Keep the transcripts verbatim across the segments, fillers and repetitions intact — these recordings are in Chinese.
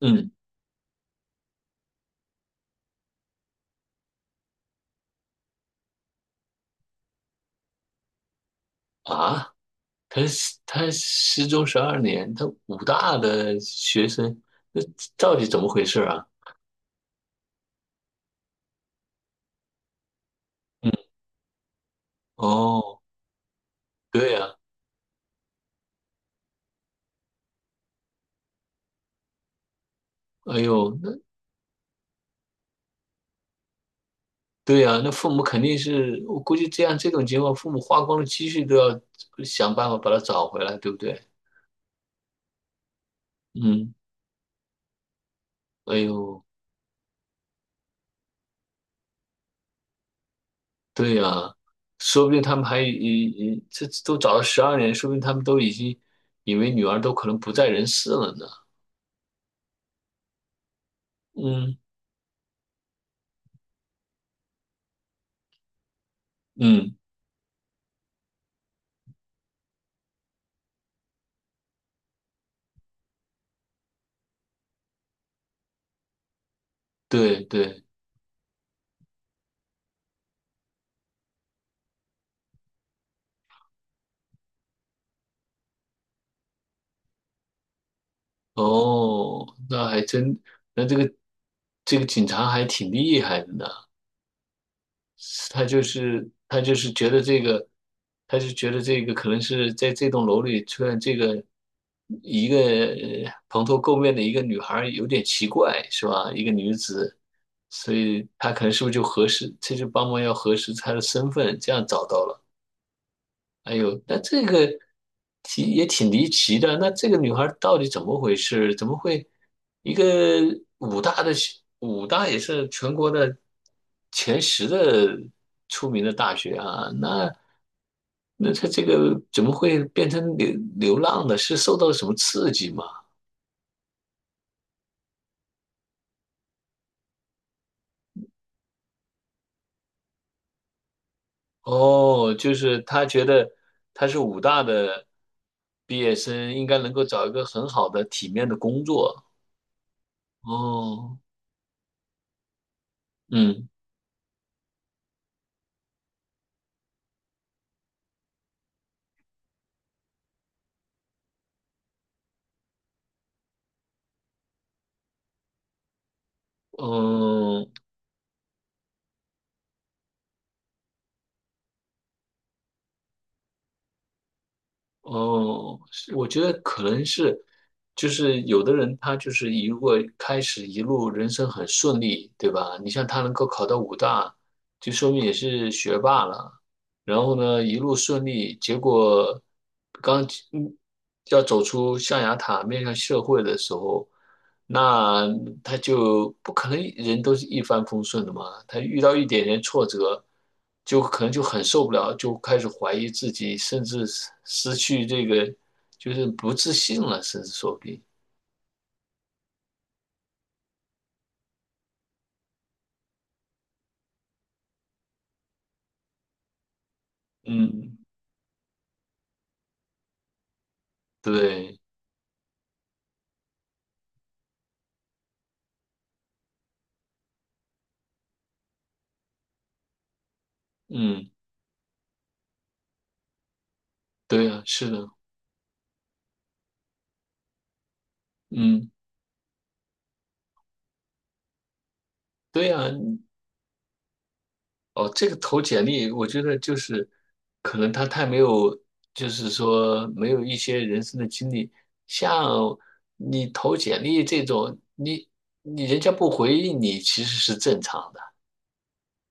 嗯啊，他是他失踪十二年，他武大的学生，那到底怎么回事啊？嗯，哦，对呀，哎呦，那对呀，那父母肯定是，我估计这样这种情况，父母花光了积蓄都要想办法把他找回来，对不对？嗯，哎呦，对呀，说不定他们还已已这都找了十二年，说不定他们都已经以为女儿都可能不在人世了呢。嗯嗯，对对。哦，那还真，那这个这个警察还挺厉害的呢。他就是他就是觉得这个，他就觉得这个可能是在这栋楼里出现这个一个呃蓬头垢面的一个女孩儿有点奇怪，是吧？一个女子，所以他可能是不是就核实，这就帮忙要核实她的身份，这样找到了。哎呦，那这个挺也挺离奇的。那这个女孩到底怎么回事？怎么会一个武大的学武大也是全国的前十的出名的大学啊？那那她这个怎么会变成流流浪的？是受到了什么刺激吗？哦，就是她觉得她是武大的毕业生，应该能够找一个很好的体面的工作。哦，嗯。嗯，哦，是我觉得可能是，就是有的人他就是一如果开始一路人生很顺利，对吧？你像他能够考到武大，就说明也是学霸了。然后呢，一路顺利，结果刚嗯要走出象牙塔面向社会的时候，那他就不可能人都是一帆风顺的嘛。他遇到一点点挫折，就可能就很受不了，就开始怀疑自己，甚至失失去这个就是不自信了，甚至说不定。嗯，对，嗯，对啊，是的，嗯，对啊，哦，这个投简历，我觉得就是可能他太没有，就是说没有一些人生的经历。像你投简历这种，你你人家不回应你，其实是正常的，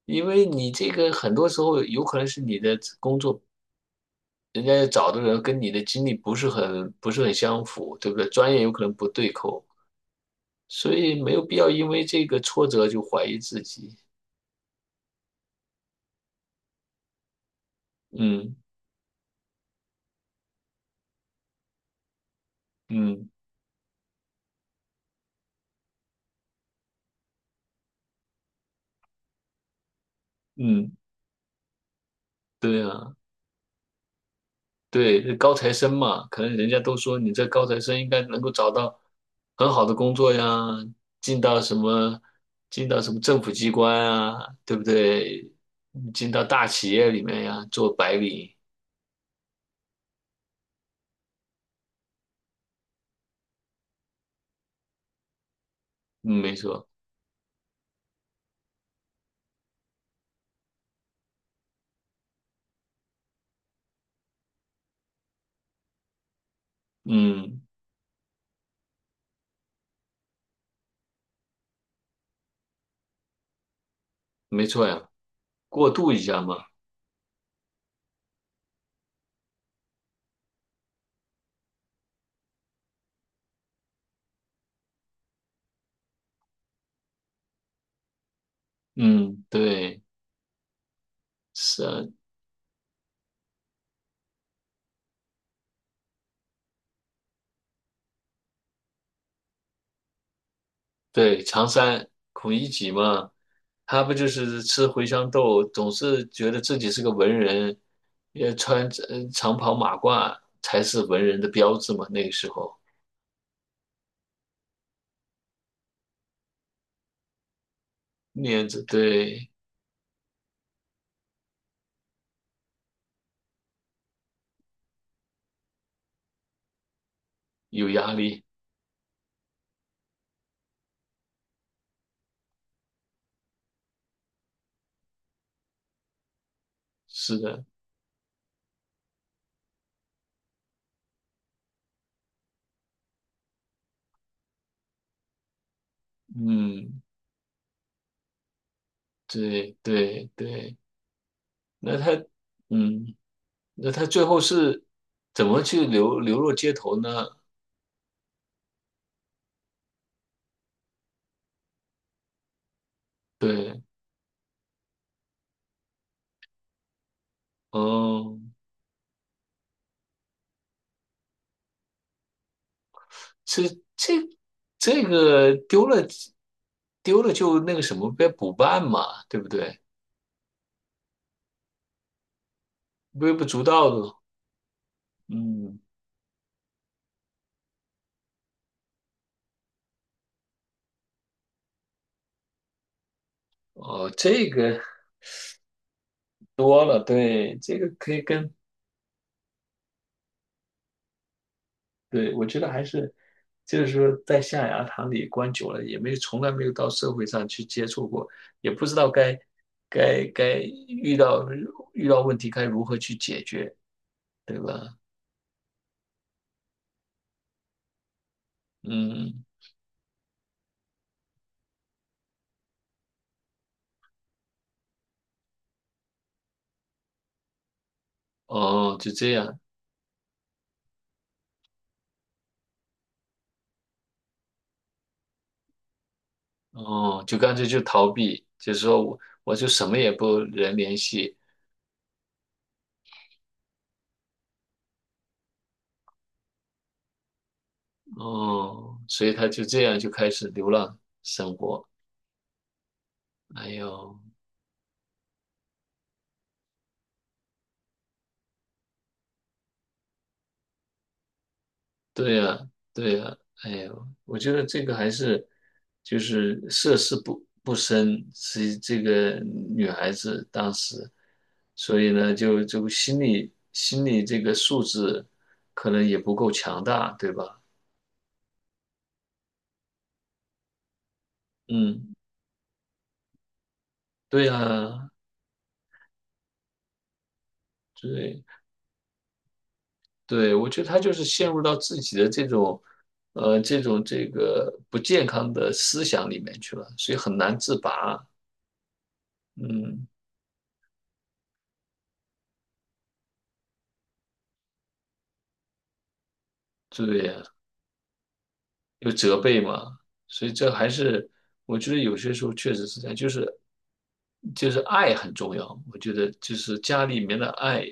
因为你这个很多时候有可能是你的工作，人家找的人跟你的经历不是很不是很相符，对不对？专业有可能不对口，所以没有必要因为这个挫折就怀疑自己。嗯嗯嗯，对啊。对，高材生嘛，可能人家都说你这高材生应该能够找到很好的工作呀，进到什么，进到什么政府机关啊，对不对？进到大企业里面呀，做白领，嗯没错，嗯，没错呀，过渡一下嘛，嗯，对，是啊，对，常山孔乙己嘛，他不就是吃茴香豆，总是觉得自己是个文人，也穿呃长袍马褂才是文人的标志嘛。那个时候面子对有压力，是的，嗯，对对对。那他嗯，那他最后是怎么去流流落街头呢？对，哦，这这这个丢了丢了就那个什么呗，补办嘛，对不对？微不足道的，嗯，哦，这个多了，对，这个可以跟，对，我觉得还是就是说在象牙塔里关久了，也没从来没有到社会上去接触过，也不知道该该该遇到遇到问题该如何去解决，对吧？嗯，哦，就这样。哦，就干脆就逃避，就是说我我就什么也不人联系，哦，所以他就这样就开始流浪生活。哎呦，对呀，对呀，哎呦，我觉得这个还是就是涉世不不深，是这个女孩子当时，所以呢，就就心理心理这个素质可能也不够强大，对吧？嗯，对呀，对。对，我觉得他就是陷入到自己的这种，呃，这种这个不健康的思想里面去了，所以很难自拔。嗯，对呀，有责备嘛，所以这还是我觉得有些时候确实是这样，就是就是爱很重要。我觉得就是家里面的爱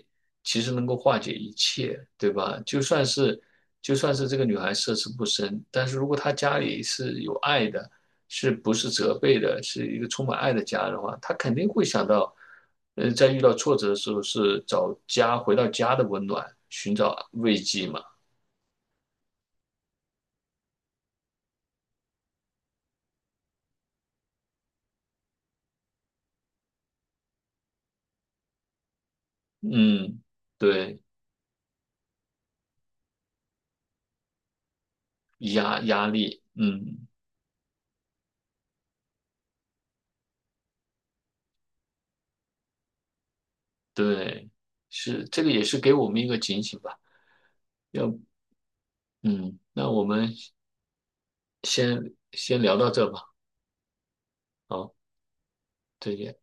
其实能够化解一切，对吧？就算是就算是这个女孩涉世不深，但是如果她家里是有爱的，是不是责备的，是一个充满爱的家的话，她肯定会想到，呃，在遇到挫折的时候是找家，回到家的温暖，寻找慰藉嘛。嗯，对。压压力，嗯，对，是这个也是给我们一个警醒吧。要，嗯，那我们先先聊到这吧。好，再见。